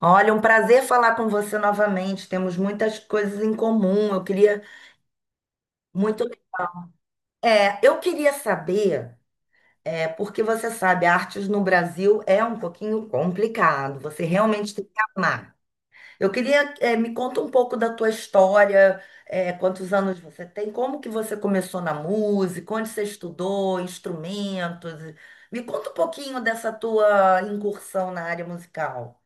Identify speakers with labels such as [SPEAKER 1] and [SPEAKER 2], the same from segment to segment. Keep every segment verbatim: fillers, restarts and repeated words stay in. [SPEAKER 1] Olha, um prazer falar com você novamente. Temos muitas coisas em comum. Eu queria muito. É, eu queria saber, é, porque você sabe, artes no Brasil é um pouquinho complicado. Você realmente tem que amar. Eu queria, é, me conta um pouco da tua história, é, quantos anos você tem, como que você começou na música, onde você estudou, instrumentos. Me conta um pouquinho dessa tua incursão na área musical.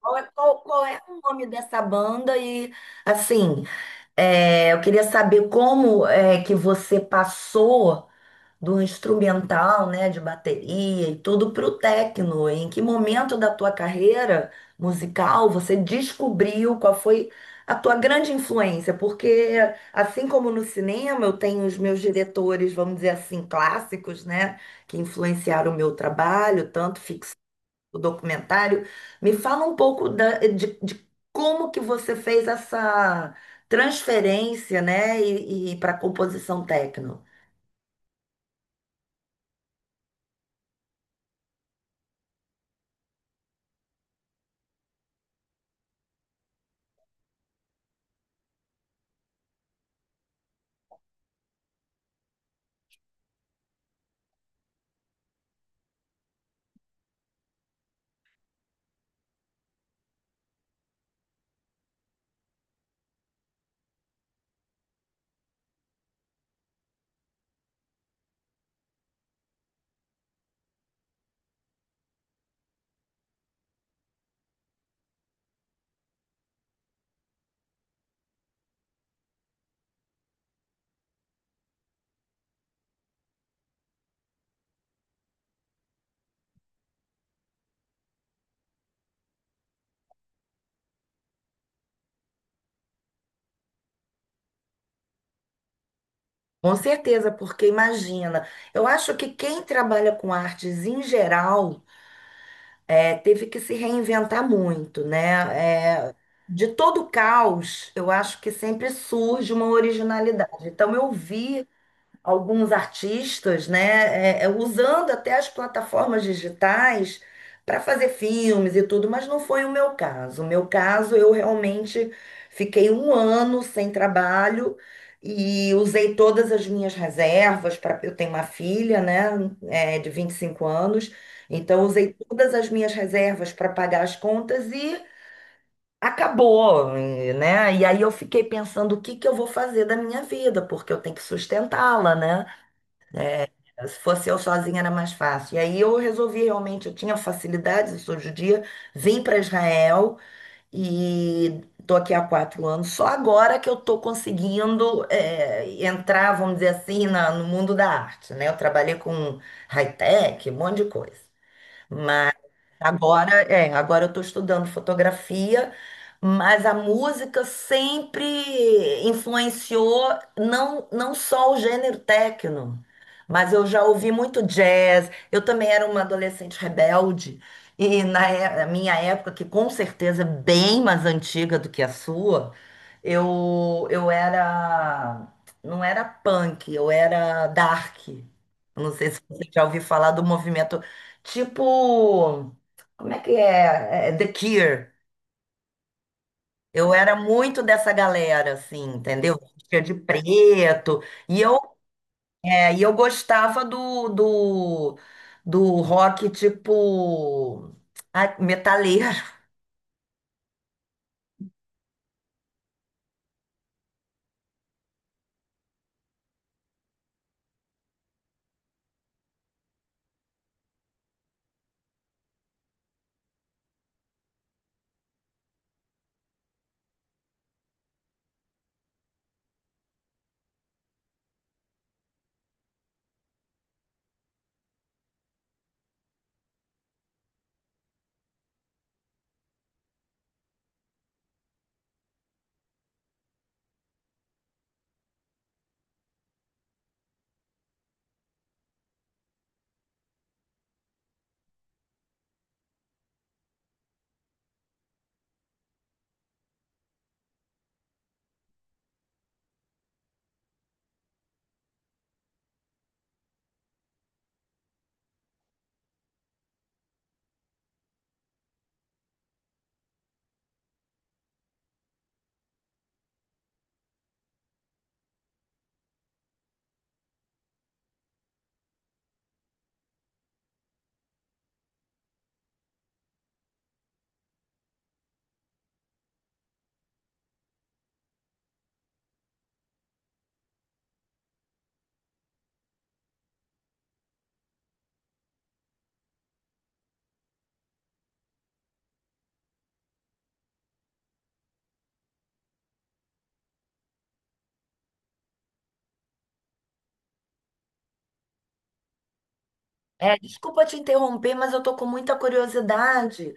[SPEAKER 1] Qual é, qual- qual é o nome dessa banda? E, assim, é, eu queria saber como é que você passou do instrumental, né, de bateria e tudo para o techno. Em que momento da tua carreira musical você descobriu qual foi a tua grande influência? Porque, assim como no cinema, eu tenho os meus diretores, vamos dizer assim, clássicos, né, que influenciaram o meu trabalho, tanto ficção o documentário. Me fala um pouco da- de, de como que você fez essa transferência, né, e, para composição techno. Com certeza, porque imagina, eu acho que quem trabalha com artes em geral é, teve que se reinventar muito, né? É, de todo caos, eu acho que sempre surge uma originalidade. Então eu vi alguns artistas, né, é, é, usando até as plataformas digitais para fazer filmes e tudo, mas não foi o meu caso. O meu caso, eu realmente fiquei um ano sem trabalho e usei todas as minhas reservas para eu tenho uma filha, né, é, de vinte e cinco anos, então usei todas as minhas reservas para pagar as contas e acabou, e, né? E aí eu fiquei pensando o que que eu vou fazer da minha vida, porque eu tenho que sustentá-la, né? Se fosse eu sozinha era mais fácil. E aí eu resolvi realmente, eu tinha facilidades, eu sou judia, vim para Israel e tô aqui há quatro anos. Só agora que eu tô conseguindo é, entrar, vamos dizer assim, na- no mundo da arte, né? Eu trabalhei com high-tech, um monte de coisa. Agora, é, agora eu estou estudando fotografia, mas a música sempre influenciou não, não só o gênero techno, mas eu já ouvi muito jazz. Eu também era uma adolescente rebelde, e na é- na minha época, que com certeza é bem mais antiga do que a sua, eu, eu era, não era punk, eu era dark. Eu não sei se você já ouviu falar do movimento tipo. Como é que é? É, The Cure. Eu era muito dessa galera, assim, entendeu? Vestia de preto. E eu, é, e eu gostava do, do, do rock, tipo, ah, metaleiro. É, desculpa te interromper, mas eu tô com muita curiosidade.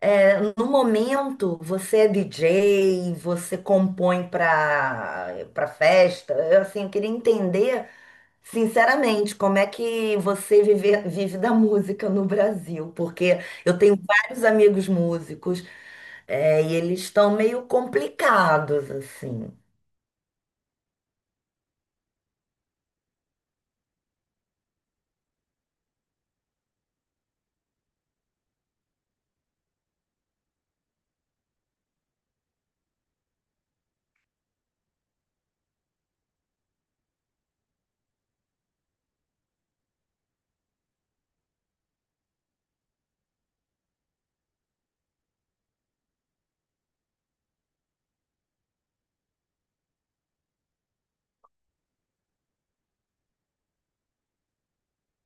[SPEAKER 1] É, no momento, você é D J, você compõe para para festa. Eu, assim, eu queria entender. Sinceramente, como é que você vive, vive da música no Brasil? Porque eu tenho vários amigos músicos, é, e eles estão meio complicados, assim.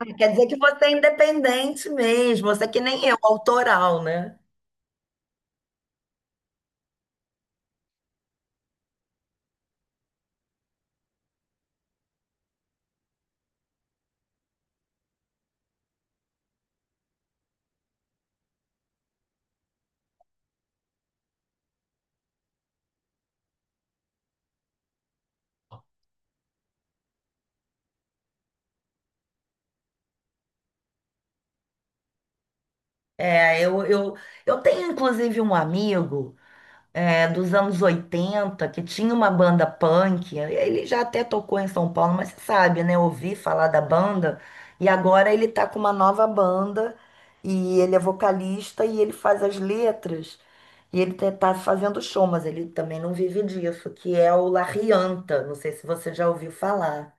[SPEAKER 1] Ah, quer dizer que você é independente mesmo, você é que nem eu, autoral, né? É, eu, eu, eu tenho inclusive um amigo. é, dos anos oitenta que tinha uma banda punk. Ele já até tocou em São Paulo, mas você sabe, né? Ouvi falar da banda. E agora ele tá com uma nova banda. E ele é vocalista e ele faz as letras. E ele te- tá fazendo show, mas ele também não vive disso, que é o La Rianta. Não sei se você já ouviu falar.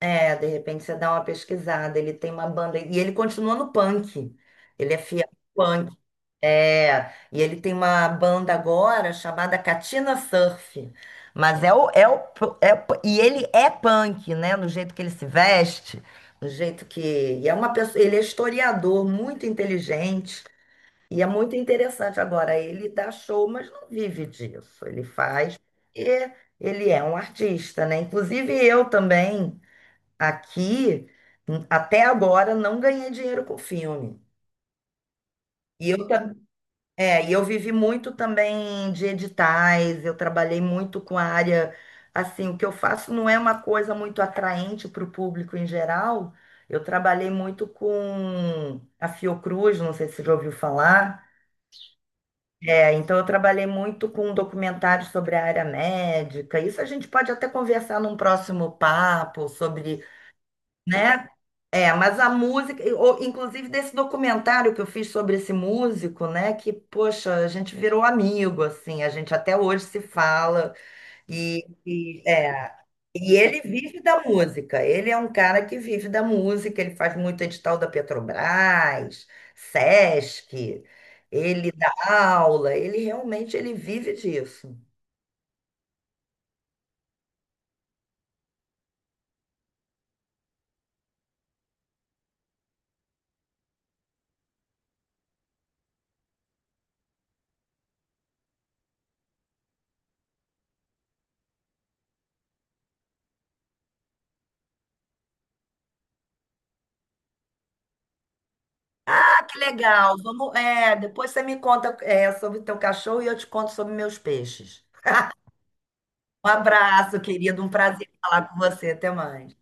[SPEAKER 1] É, de repente você dá uma pesquisada. Ele tem uma banda. E ele continua no punk. Ele é fiel ao punk. É. E ele tem uma banda agora chamada Katina Surf. Mas é o, é o, é, e ele é punk, né? No jeito que ele se veste, no jeito que. E é uma pessoa, ele é historiador, muito inteligente. E é muito interessante. Agora, ele dá show, mas não vive disso. Ele faz. E ele é um artista, né? Inclusive eu também. Aqui, n- até agora, não ganhei dinheiro com filme. E eu, tam- é, e eu vivi muito também de editais, eu trabalhei muito com a área. Assim, o que eu faço não é uma coisa muito atraente para o público em geral. Eu trabalhei muito com a Fiocruz, não sei se você já ouviu falar. É, então, eu trabalhei muito com documentários sobre a área médica. Isso a gente pode até conversar num próximo papo sobre, né? É, mas a música, e- ou, inclusive desse documentário que eu fiz sobre esse músico, né? Que, poxa, a gente virou amigo, assim, a gente até hoje se fala. E, é, e ele vive da música, ele é um cara que vive da música, ele faz muito edital da Petrobras, Sesc, ele dá aula, ele realmente ele vive disso. Ah, que legal! Vamos, é, depois você me conta, é, sobre o teu cachorro e eu te conto sobre meus peixes. Um abraço, querido. Um prazer falar com você. Até mais.